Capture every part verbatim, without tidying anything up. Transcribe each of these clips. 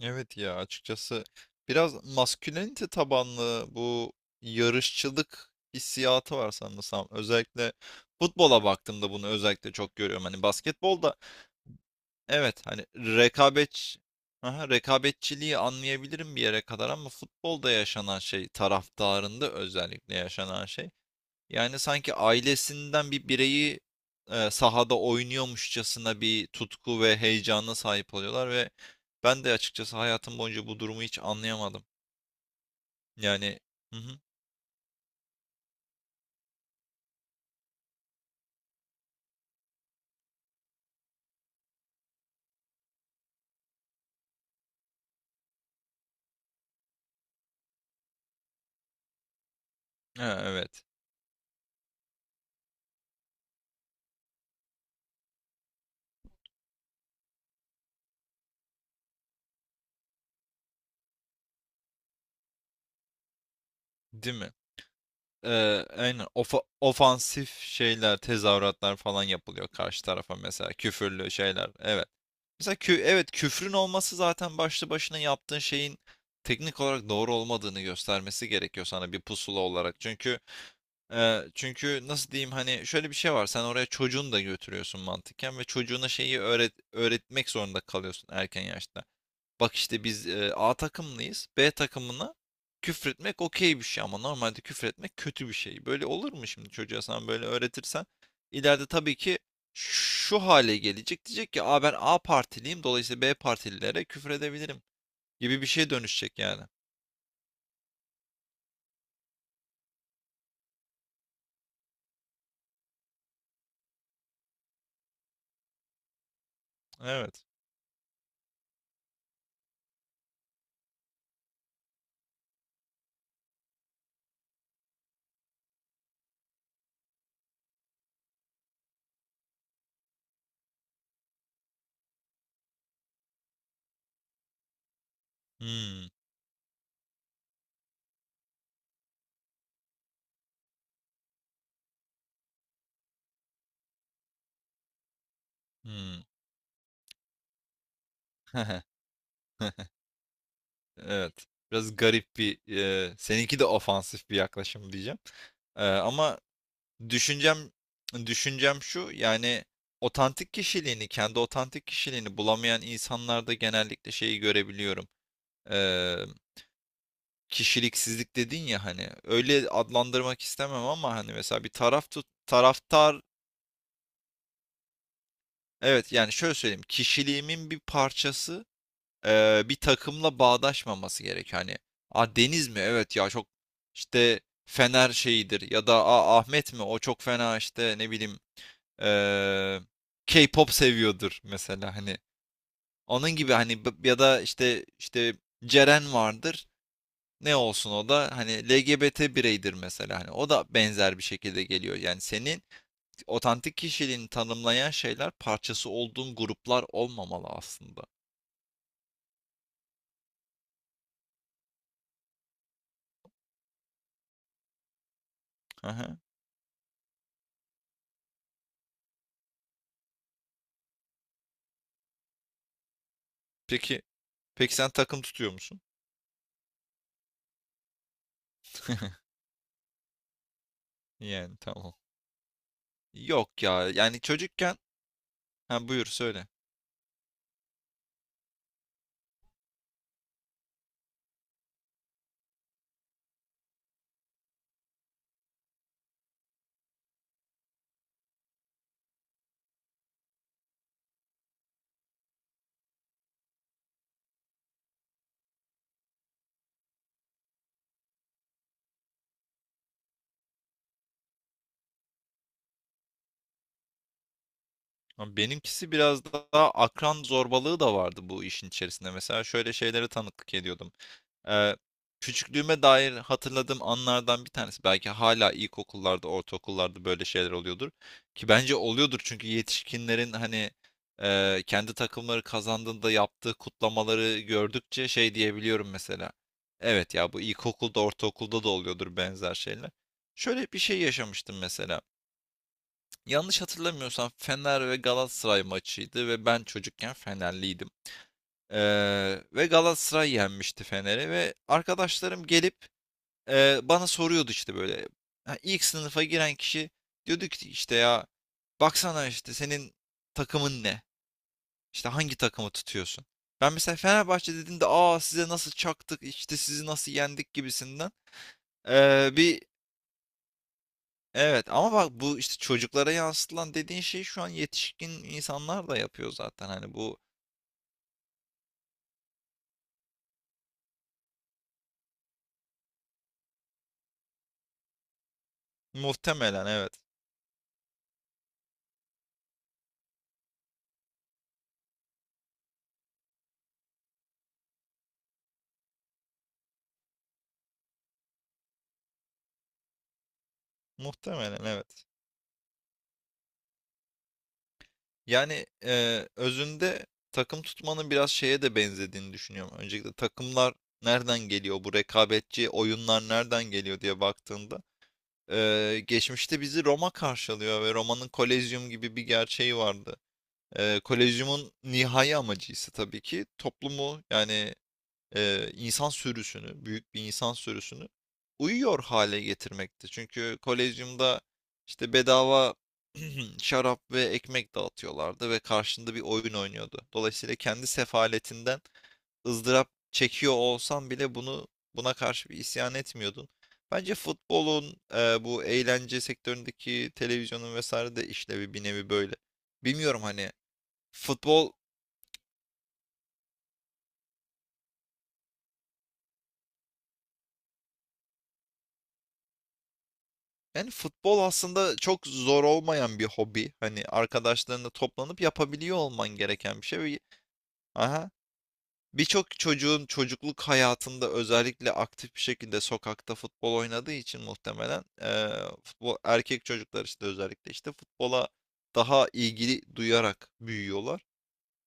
Evet ya açıkçası biraz maskülenite tabanlı bu yarışçılık hissiyatı var sanırsam. Özellikle futbola baktığımda bunu özellikle çok görüyorum. Hani basketbolda evet, hani rekabet. Aha, rekabetçiliği anlayabilirim bir yere kadar ama futbolda yaşanan şey, taraftarında özellikle yaşanan şey. Yani sanki ailesinden bir bireyi e, sahada oynuyormuşçasına bir tutku ve heyecana sahip oluyorlar ve ben de açıkçası hayatım boyunca bu durumu hiç anlayamadım. Yani hı hı, ha, evet, değil mi? Ee, aynen ofa- ofansif şeyler, tezahüratlar falan yapılıyor karşı tarafa, mesela küfürlü şeyler. Evet. Mesela kü evet, küfrün olması zaten başlı başına yaptığın şeyin teknik olarak doğru olmadığını göstermesi gerekiyor sana bir pusula olarak. Çünkü Eee, çünkü nasıl diyeyim, hani şöyle bir şey var. Sen oraya çocuğunu da götürüyorsun mantıken ve çocuğuna şeyi öğret öğretmek zorunda kalıyorsun erken yaşta. Bak işte biz eee, A takımlıyız. B takımına küfretmek okey bir şey ama normalde küfretmek kötü bir şey. Böyle olur mu şimdi, çocuğa sen böyle öğretirsen? İleride tabii ki şu hale gelecek. Diyecek ki aa, ben A partiliyim, dolayısıyla B partililere küfür edebilirim gibi bir şeye dönüşecek yani. Evet. Hmm. Hmm. Evet. Biraz garip bir, eee, seninki de ofansif bir yaklaşım diyeceğim. Eee, ama düşüncem düşüncem şu, yani otantik kişiliğini, kendi otantik kişiliğini bulamayan insanlarda genellikle şeyi görebiliyorum. Eee, kişiliksizlik dedin ya, hani öyle adlandırmak istemem ama hani mesela bir taraf tut taraftar, evet yani şöyle söyleyeyim, kişiliğimin bir parçası e, bir takımla bağdaşmaması gerek. Hani a Deniz mi? Evet ya, çok işte Fener şeyidir, ya da a Ahmet mi? O çok fena, işte ne bileyim, e, K-pop seviyordur mesela. Hani onun gibi hani b- ya da işte, işte Ceren vardır. Ne olsun, o da hani L G B T bireydir mesela, hani o da benzer bir şekilde geliyor. Yani senin otantik kişiliğini tanımlayan şeyler, parçası olduğun gruplar olmamalı aslında. Aha. Peki, peki sen takım tutuyor musun? Yani tamam. Yok ya. Yani çocukken ha, buyur söyle. Ama benimkisi biraz daha akran zorbalığı da vardı bu işin içerisinde. Mesela şöyle şeylere tanıklık ediyordum. Ee, küçüklüğüme dair hatırladığım anlardan bir tanesi. Belki hala ilkokullarda, ortaokullarda böyle şeyler oluyordur. Ki bence oluyordur, çünkü yetişkinlerin hani e, kendi takımları kazandığında yaptığı kutlamaları gördükçe şey diyebiliyorum mesela. Evet ya, bu ilkokulda, ortaokulda da oluyordur benzer şeyler. Şöyle bir şey yaşamıştım mesela. Yanlış hatırlamıyorsam Fener ve Galatasaray maçıydı ve ben çocukken Fenerliydim. Ee, ve Galatasaray yenmişti Fener'i ve arkadaşlarım gelip e, bana soruyordu işte böyle. Ha, ilk sınıfa giren kişi diyordu ki işte ya, baksana, işte senin takımın ne? İşte hangi takımı tutuyorsun? Ben mesela Fenerbahçe dediğimde, aa size nasıl çaktık, işte sizi nasıl yendik gibisinden ee, bir evet, ama bak, bu işte çocuklara yansıtılan dediğin şey, şu an yetişkin insanlar da yapıyor zaten. Hani bu muhtemelen evet. Muhtemelen evet. Yani e, özünde takım tutmanın biraz şeye de benzediğini düşünüyorum. Öncelikle takımlar nereden geliyor? Bu rekabetçi oyunlar nereden geliyor diye baktığında, e, geçmişte bizi Roma karşılıyor ve Roma'nın Kolezyum gibi bir gerçeği vardı. E, Kolezyum'un nihai amacı ise tabii ki toplumu, yani e, insan sürüsünü, büyük bir insan sürüsünü uyuyor hale getirmekti. Çünkü kolezyumda işte bedava şarap ve ekmek dağıtıyorlardı ve karşında bir oyun oynuyordu. Dolayısıyla kendi sefaletinden ızdırap çekiyor olsan bile bunu buna karşı bir isyan etmiyordun. Bence futbolun e, bu eğlence sektöründeki televizyonun vesaire de işlevi bir nevi böyle. Bilmiyorum, hani futbol. Yani futbol aslında çok zor olmayan bir hobi. Hani arkadaşlarınla toplanıp yapabiliyor olman gereken bir şey. Ve- aha. Birçok çocuğun çocukluk hayatında özellikle aktif bir şekilde sokakta futbol oynadığı için muhtemelen eee, futbol, erkek çocuklar işte, özellikle işte futbola daha ilgili duyarak büyüyorlar.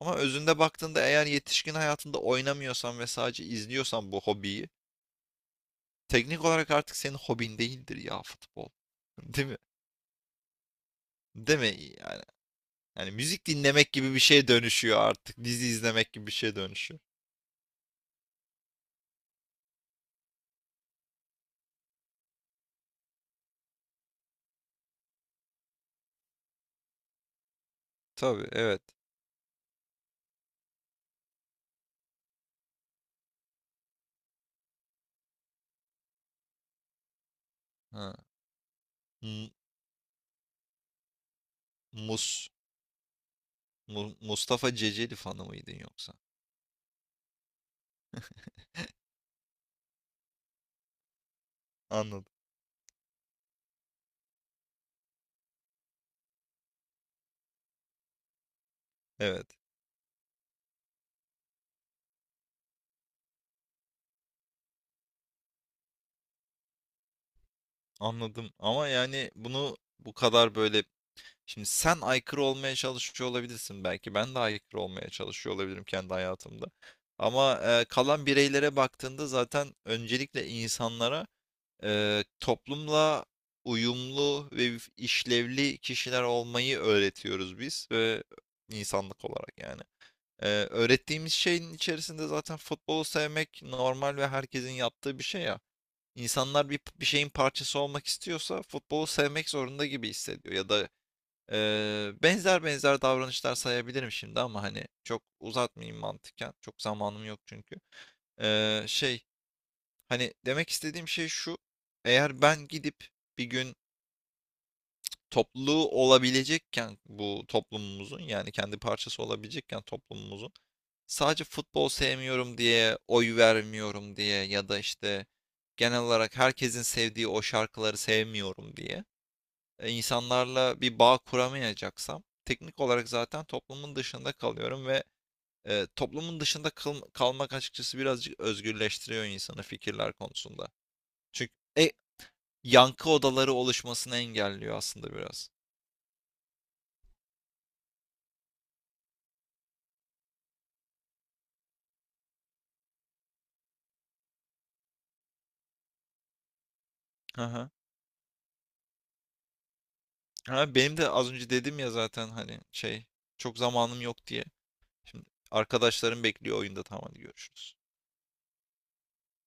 Ama özünde baktığında eğer yetişkin hayatında oynamıyorsan ve sadece izliyorsan bu hobiyi, teknik olarak artık senin hobin değildir ya futbol. Değil mi? Değil mi yani? Yani müzik dinlemek gibi bir şey dönüşüyor artık. Dizi izlemek gibi bir şey dönüşüyor. Tabii, evet. Ha. M- Mus Mu- Mustafa Ceceli fanı mıydın yoksa? Anladım. Evet. Anladım. Ama yani bunu bu kadar böyle, şimdi sen aykırı olmaya çalışıyor olabilirsin belki. Ben de aykırı olmaya çalışıyor olabilirim kendi hayatımda. Ama e, kalan bireylere baktığında zaten öncelikle insanlara eee, toplumla uyumlu ve işlevli kişiler olmayı öğretiyoruz biz ve insanlık olarak yani. Eee, öğrettiğimiz şeyin içerisinde zaten futbolu sevmek normal ve herkesin yaptığı bir şey ya. İnsanlar bir, bir şeyin parçası olmak istiyorsa futbolu sevmek zorunda gibi hissediyor, ya da eee, benzer benzer davranışlar sayabilirim şimdi ama hani çok uzatmayayım mantıken. Çok zamanım yok çünkü. Eee, şey Hani demek istediğim şey şu. Eğer ben gidip bir gün topluluğu olabilecekken bu toplumumuzun, yani kendi parçası olabilecekken toplumumuzun, sadece futbol sevmiyorum diye, oy vermiyorum diye, ya da işte genel olarak herkesin sevdiği o şarkıları sevmiyorum diye e, insanlarla bir bağ kuramayacaksam teknik olarak zaten toplumun dışında kalıyorum ve e, toplumun dışında kal- kalmak açıkçası birazcık özgürleştiriyor insanı fikirler konusunda. Çünkü e, yankı odaları oluşmasını engelliyor aslında biraz. Hı hı. Ha, benim de az önce dedim ya zaten, hani şey, çok zamanım yok diye. Şimdi arkadaşlarım bekliyor oyunda, tamam hadi görüşürüz.